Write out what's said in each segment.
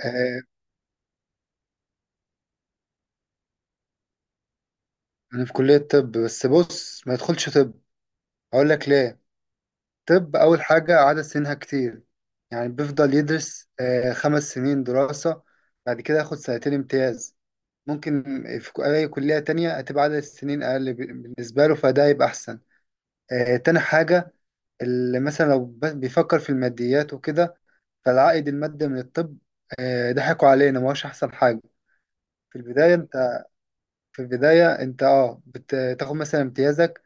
آه، انا في كلية طب، بس بص، ما يدخلش طب. اقول لك ليه. طب، اول حاجة عدد سنينها كتير، يعني بيفضل يدرس خمس سنين دراسة. بعد كده ياخد سنتين امتياز. ممكن في اي كلية تانية هتبقى عدد السنين اقل، بالنسبة له، فده يبقى احسن. تاني حاجة، اللي مثلا لو بيفكر في الماديات وكده، فالعائد المادي من الطب، ضحكوا علينا، ما هوش احسن حاجة. في البداية انت في البداية انت بتاخد مثلا امتيازك،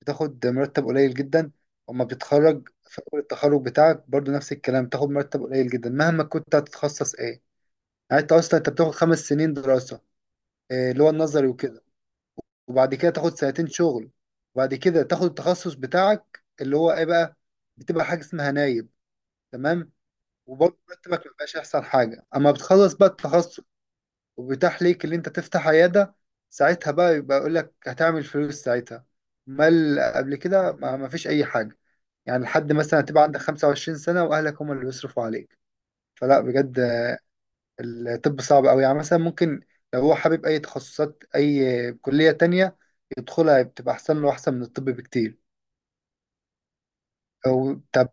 بتاخد مرتب قليل جدا. اما بتتخرج في اول التخرج بتاعك، برضو نفس الكلام، بتاخد مرتب قليل جدا مهما كنت هتتخصص ايه. يعني انت اصلا انت بتاخد خمس سنين دراسة، اللي هو النظري وكده. وبعد كده تاخد سنتين شغل، وبعد كده تاخد التخصص بتاعك اللي هو ايه بقى. بتبقى حاجة اسمها نايب، تمام. وبرضه مرتبك مبيبقاش احسن حاجة. اما بتخلص بقى التخصص وبيتاح ليك اللي انت تفتح عيادة، ساعتها بقى يبقى يقول لك هتعمل فلوس ساعتها. امال قبل كده ما ما فيش اي حاجة. يعني لحد مثلا تبقى عندك 25 سنة وأهلك هم اللي بيصرفوا عليك. فلا، بجد الطب صعب أوي. يعني مثلا ممكن لو هو حابب أي تخصصات، أي كلية تانية يدخلها، بتبقى أحسن له، أحسن من الطب بكتير. أو طب.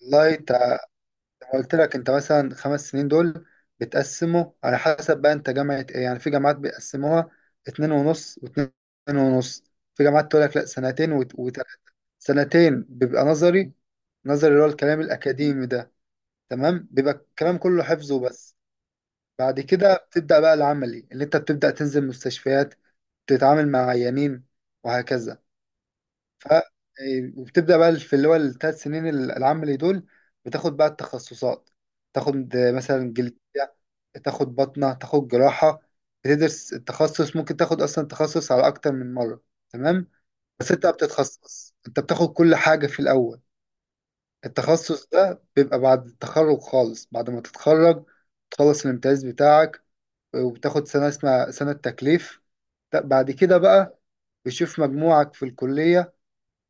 والله قلت لك أنت مثلا خمس سنين دول بتقسمه على حسب بقى أنت جامعة إيه. يعني في جامعات بيقسموها اتنين ونص واتنين ونص، في جامعات تقول لك لا، سنتين وتلات. سنتين بيبقى نظري. نظري اللي هو الكلام الأكاديمي ده، تمام، بيبقى الكلام كله حفظ وبس. بعد كده بتبدأ بقى العملي، اللي انت بتبدأ تنزل مستشفيات، تتعامل مع عيانين، وهكذا. ف وبتبدأ بقى في اللي هو الثلاث سنين العملي دول، بتاخد بقى التخصصات. تاخد مثلا جلدية، تاخد بطنة، تاخد جراحة. بتدرس التخصص، ممكن تاخد أصلا تخصص على أكتر من مرة، تمام. بس انت بتتخصص، انت بتاخد كل حاجة في الأول. التخصص ده بيبقى بعد التخرج خالص، بعد ما تتخرج تخلص الامتياز بتاعك. وبتاخد سنة اسمها سنة تكليف. بعد كده بقى بيشوف مجموعك في الكلية.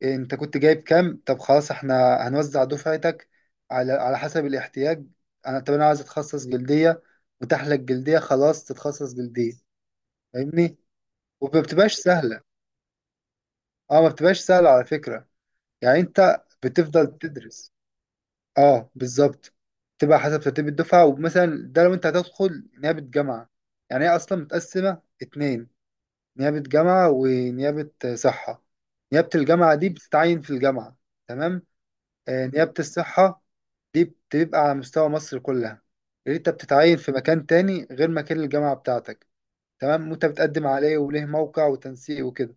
انت كنت جايب كام طب، خلاص احنا هنوزع دفعتك على حسب الاحتياج. انا طب، انا عايز اتخصص جلدية، متاح لك جلدية، خلاص تتخصص جلدية. فاهمني. وما بتبقاش سهلة، اه، ما بتبقاش سهلة على فكرة. يعني انت بتفضل تدرس. اه، بالظبط، تبقى حسب ترتيب الدفعة. ومثلا ده لو انت هتدخل نيابة جامعة، يعني هي اصلا متقسمة اتنين: نيابة جامعة ونيابة صحة. نيابة الجامعة دي بتتعين في الجامعة، تمام. نيابة الصحة دي بتبقى على مستوى مصر كلها، اللي انت بتتعين في مكان تاني غير مكان الجامعة بتاعتك، تمام. وانت بتقدم عليه وليه موقع وتنسيق وكده.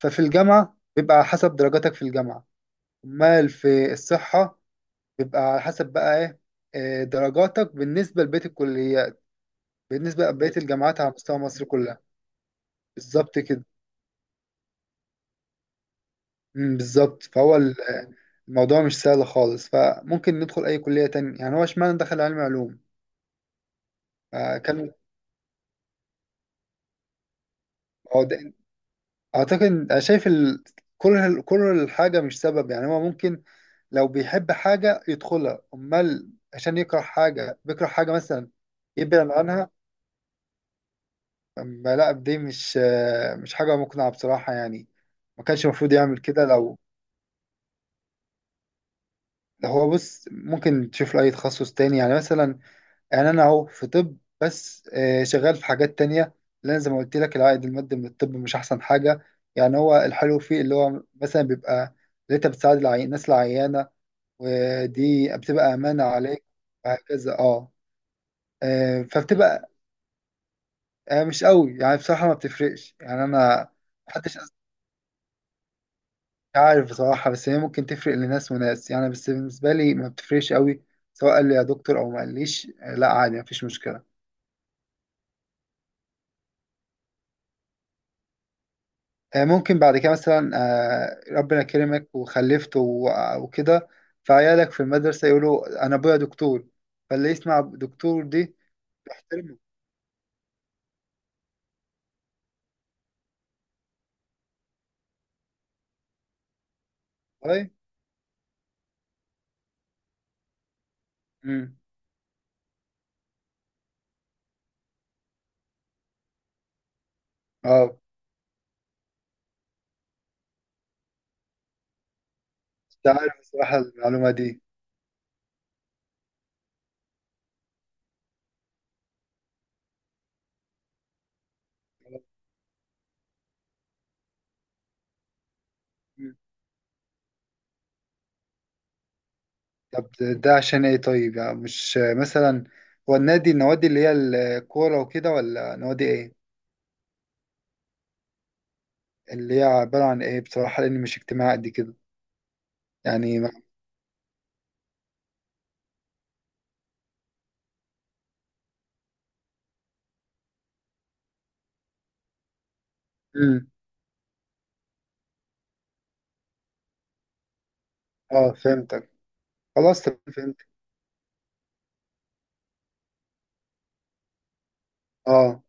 ففي الجامعة بيبقى على حسب درجاتك في الجامعة. امال في الصحة بيبقى على حسب بقى ايه، درجاتك بالنسبة لبقية الكليات، بالنسبة لبقية الجامعات على مستوى مصر كلها. بالظبط كده. بالظبط. فهو الموضوع مش سهل خالص. فممكن ندخل أي كلية تانية. يعني هو اشمعنى دخل علم علوم. كان. هو ده- أعتقد، أنا شايف كل الحاجة مش سبب. يعني هو ممكن لو بيحب حاجة يدخلها. أمال عشان يكره حاجة بيكره حاجة مثلا يبعد عنها. أما لا، دي مش حاجة مقنعة بصراحة يعني. ما كانش المفروض يعمل كده. لو هو بص، ممكن تشوف له أي تخصص تاني يعني مثلا. يعني أنا أهو في طب، بس شغال في حاجات تانية. لأن زي ما قلت لك، العائد المادي من الطب مش أحسن حاجة. يعني هو الحلو فيه اللي هو مثلا بيبقى اللي أنت بتساعد الناس العيانة، ودي بتبقى أمانة عليك، وهكذا، أه. فبتبقى مش قوي يعني، بصراحة ما بتفرقش يعني. أنا محدش، مش عارف بصراحة. بس هي ممكن تفرق لناس وناس يعني، بس بالنسبة لي ما بتفرقش قوي. سواء قال لي يا دكتور أو ما قاليش، لا، عادي، مفيش مشكلة. ممكن بعد كده مثلا، ربنا كرمك وخلفت وكده، فعيالك في المدرسة يقولوا أنا أبويا دكتور، فاللي يسمع دكتور دي يحترمه. طيب. أمم. اه، مش عارف بصراحة المعلومة دي. مم. طب ده عشان ايه طيب، يعني مش مثلا هو النوادي اللي هي الكورة وكده ولا نوادي ايه؟ اللي هي عبارة عن إيه بصراحة، لأني مش اجتماعي قد كده. يعني ما... مم. آه، فهمتك. خلاص، طب فهمت. آه.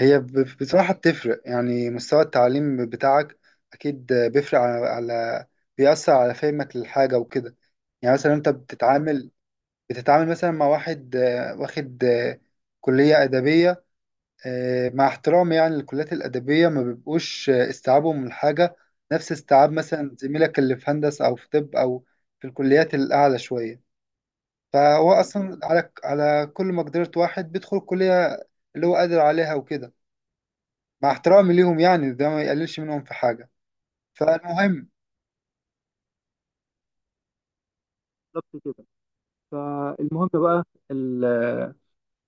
هي بصراحة بتفرق، يعني مستوى التعليم بتاعك أكيد بيفرق، على... على بيأثر على فهمك للحاجة وكده. يعني مثلا أنت بتتعامل مثلا مع واحد واخد كلية أدبية، مع احترامي يعني للكليات الأدبية، ما بيبقوش استيعابهم من الحاجة نفس استيعاب مثلا زميلك اللي في هندسة أو في طب أو في الكليات الأعلى شوية. فهو اصلا على كل مقدرة واحد بيدخل الكلية اللي هو قادر عليها وكده. مع احترامي ليهم يعني، ده ما يقللش منهم في حاجة. فالمهم، بالظبط كده. فالمهم بقى،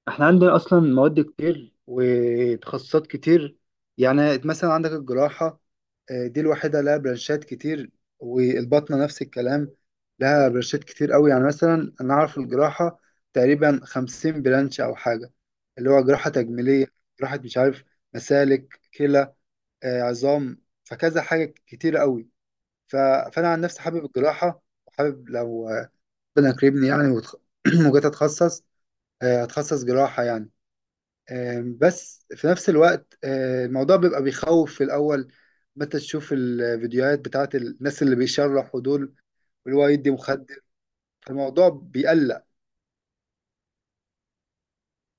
احنا عندنا اصلا مواد كتير وتخصصات كتير. يعني مثلا عندك الجراحة، دي الوحيدة لها برانشات كتير. والباطنة نفس الكلام، لها برانشات كتير قوي. يعني مثلا انا اعرف الجراحة تقريبا خمسين برانش او حاجة، اللي هو جراحة تجميلية، جراحة مش عارف، مسالك، كلى، عظام، فكذا حاجة كتير قوي. ف- فانا عن نفسي حابب الجراحة، وحابب لو ربنا يكرمني يعني، وجيت اتخصص جراحة يعني. بس في نفس الوقت الموضوع بيبقى بيخوف في الأول، متى تشوف الفيديوهات بتاعت الناس اللي بيشرحوا دول، واللي هو يدي مخدر، الموضوع بيقلق.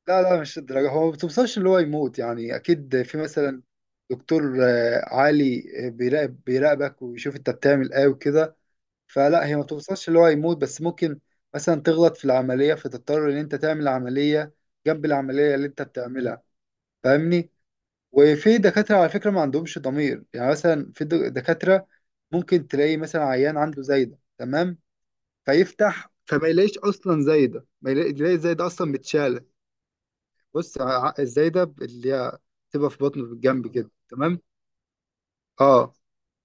لا لا، مش الدرجة. هو ما بتوصلش اللي هو يموت يعني، أكيد في مثلا دكتور عالي بيراقبك ويشوف أنت بتعمل إيه وكده. فلا، هي ما بتوصلش اللي هو يموت، بس ممكن مثلا تغلط في العملية، فتضطر إن أنت تعمل عملية جنب العملية اللي أنت بتعملها. فاهمني؟ وفي دكاترة على فكرة ما عندهمش ضمير. يعني مثلا في دكاترة ممكن تلاقي مثلا عيان عنده زايدة، تمام. فيفتح، فما يلاقيش أصلا زايدة، ما يلاقي يلاقي الزايدة أصلا متشالة. بص، الزايدة اللي هي بتبقى في بطنه في الجنب كده، تمام. اه،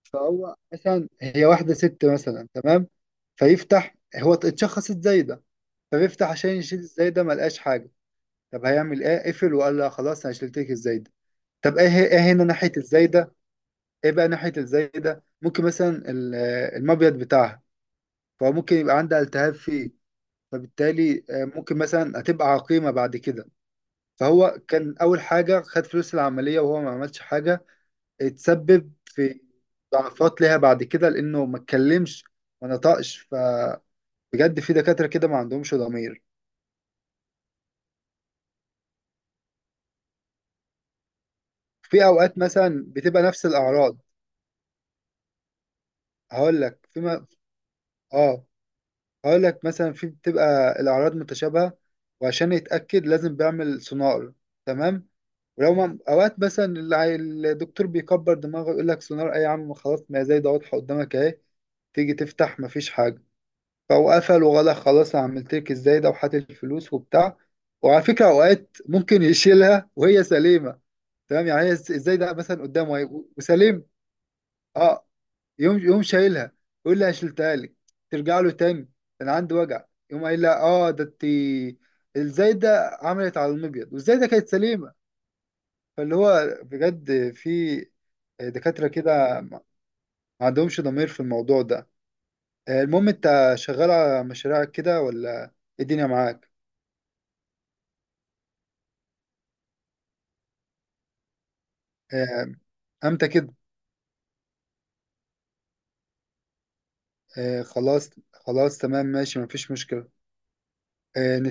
فهو مثلا هي واحدة ست مثلا، تمام. فيفتح، هو اتشخصت زايدة، فبيفتح عشان يشيل الزايدة، ما لقاش حاجة. طب هيعمل ايه؟ قفل وقال لها خلاص انا شلت لك الزايدة. طب ايه هنا ناحية الزايدة؟ ايه بقى ناحية الزي ده؟ ممكن مثلا المبيض بتاعها، فممكن يبقى عندها التهاب فيه، فبالتالي ممكن مثلا هتبقى عقيمة بعد كده. فهو كان أول حاجة خد فلوس العملية وهو ما عملش حاجة، اتسبب في ضعفات ليها بعد كده لأنه ما اتكلمش، ما نطقش. فبجد في دكاترة كده ما عندهمش ضمير. في أوقات مثلا بتبقى نفس الأعراض، هقول لك في م... اه هقول لك مثلا، في بتبقى الأعراض متشابهة، وعشان يتأكد لازم بيعمل سونار، تمام. ولو ما أوقات مثلا الدكتور بيكبر دماغه، يقول لك سونار أي يا عم، خلاص ما هي زي ده واضحة قدامك أهي. تيجي تفتح، مفيش حاجة. فهو قفل وغلق، خلاص أنا عملت لك إزاي ده، وحات الفلوس وبتاع. وعلى فكرة أوقات ممكن يشيلها وهي سليمة، تمام. يعني هي إزاي ده مثلا، قدامه أهي وسليم. أه، يوم يوم شايلها، يقول لي شلتها لك. ترجع له تاني، انا عندي وجع، يقوم قايل لها اه ده انت الزايده عملت على المبيض، والزايده كانت سليمه. فاللي هو بجد، في دكاتره كده ما عندهمش ضمير في الموضوع ده. المهم، انت شغال على مشاريعك كده ولا ايه؟ الدنيا معاك. آه، امتى كده؟ خلاص خلاص، تمام، ماشي، مفيش مشكله. آه،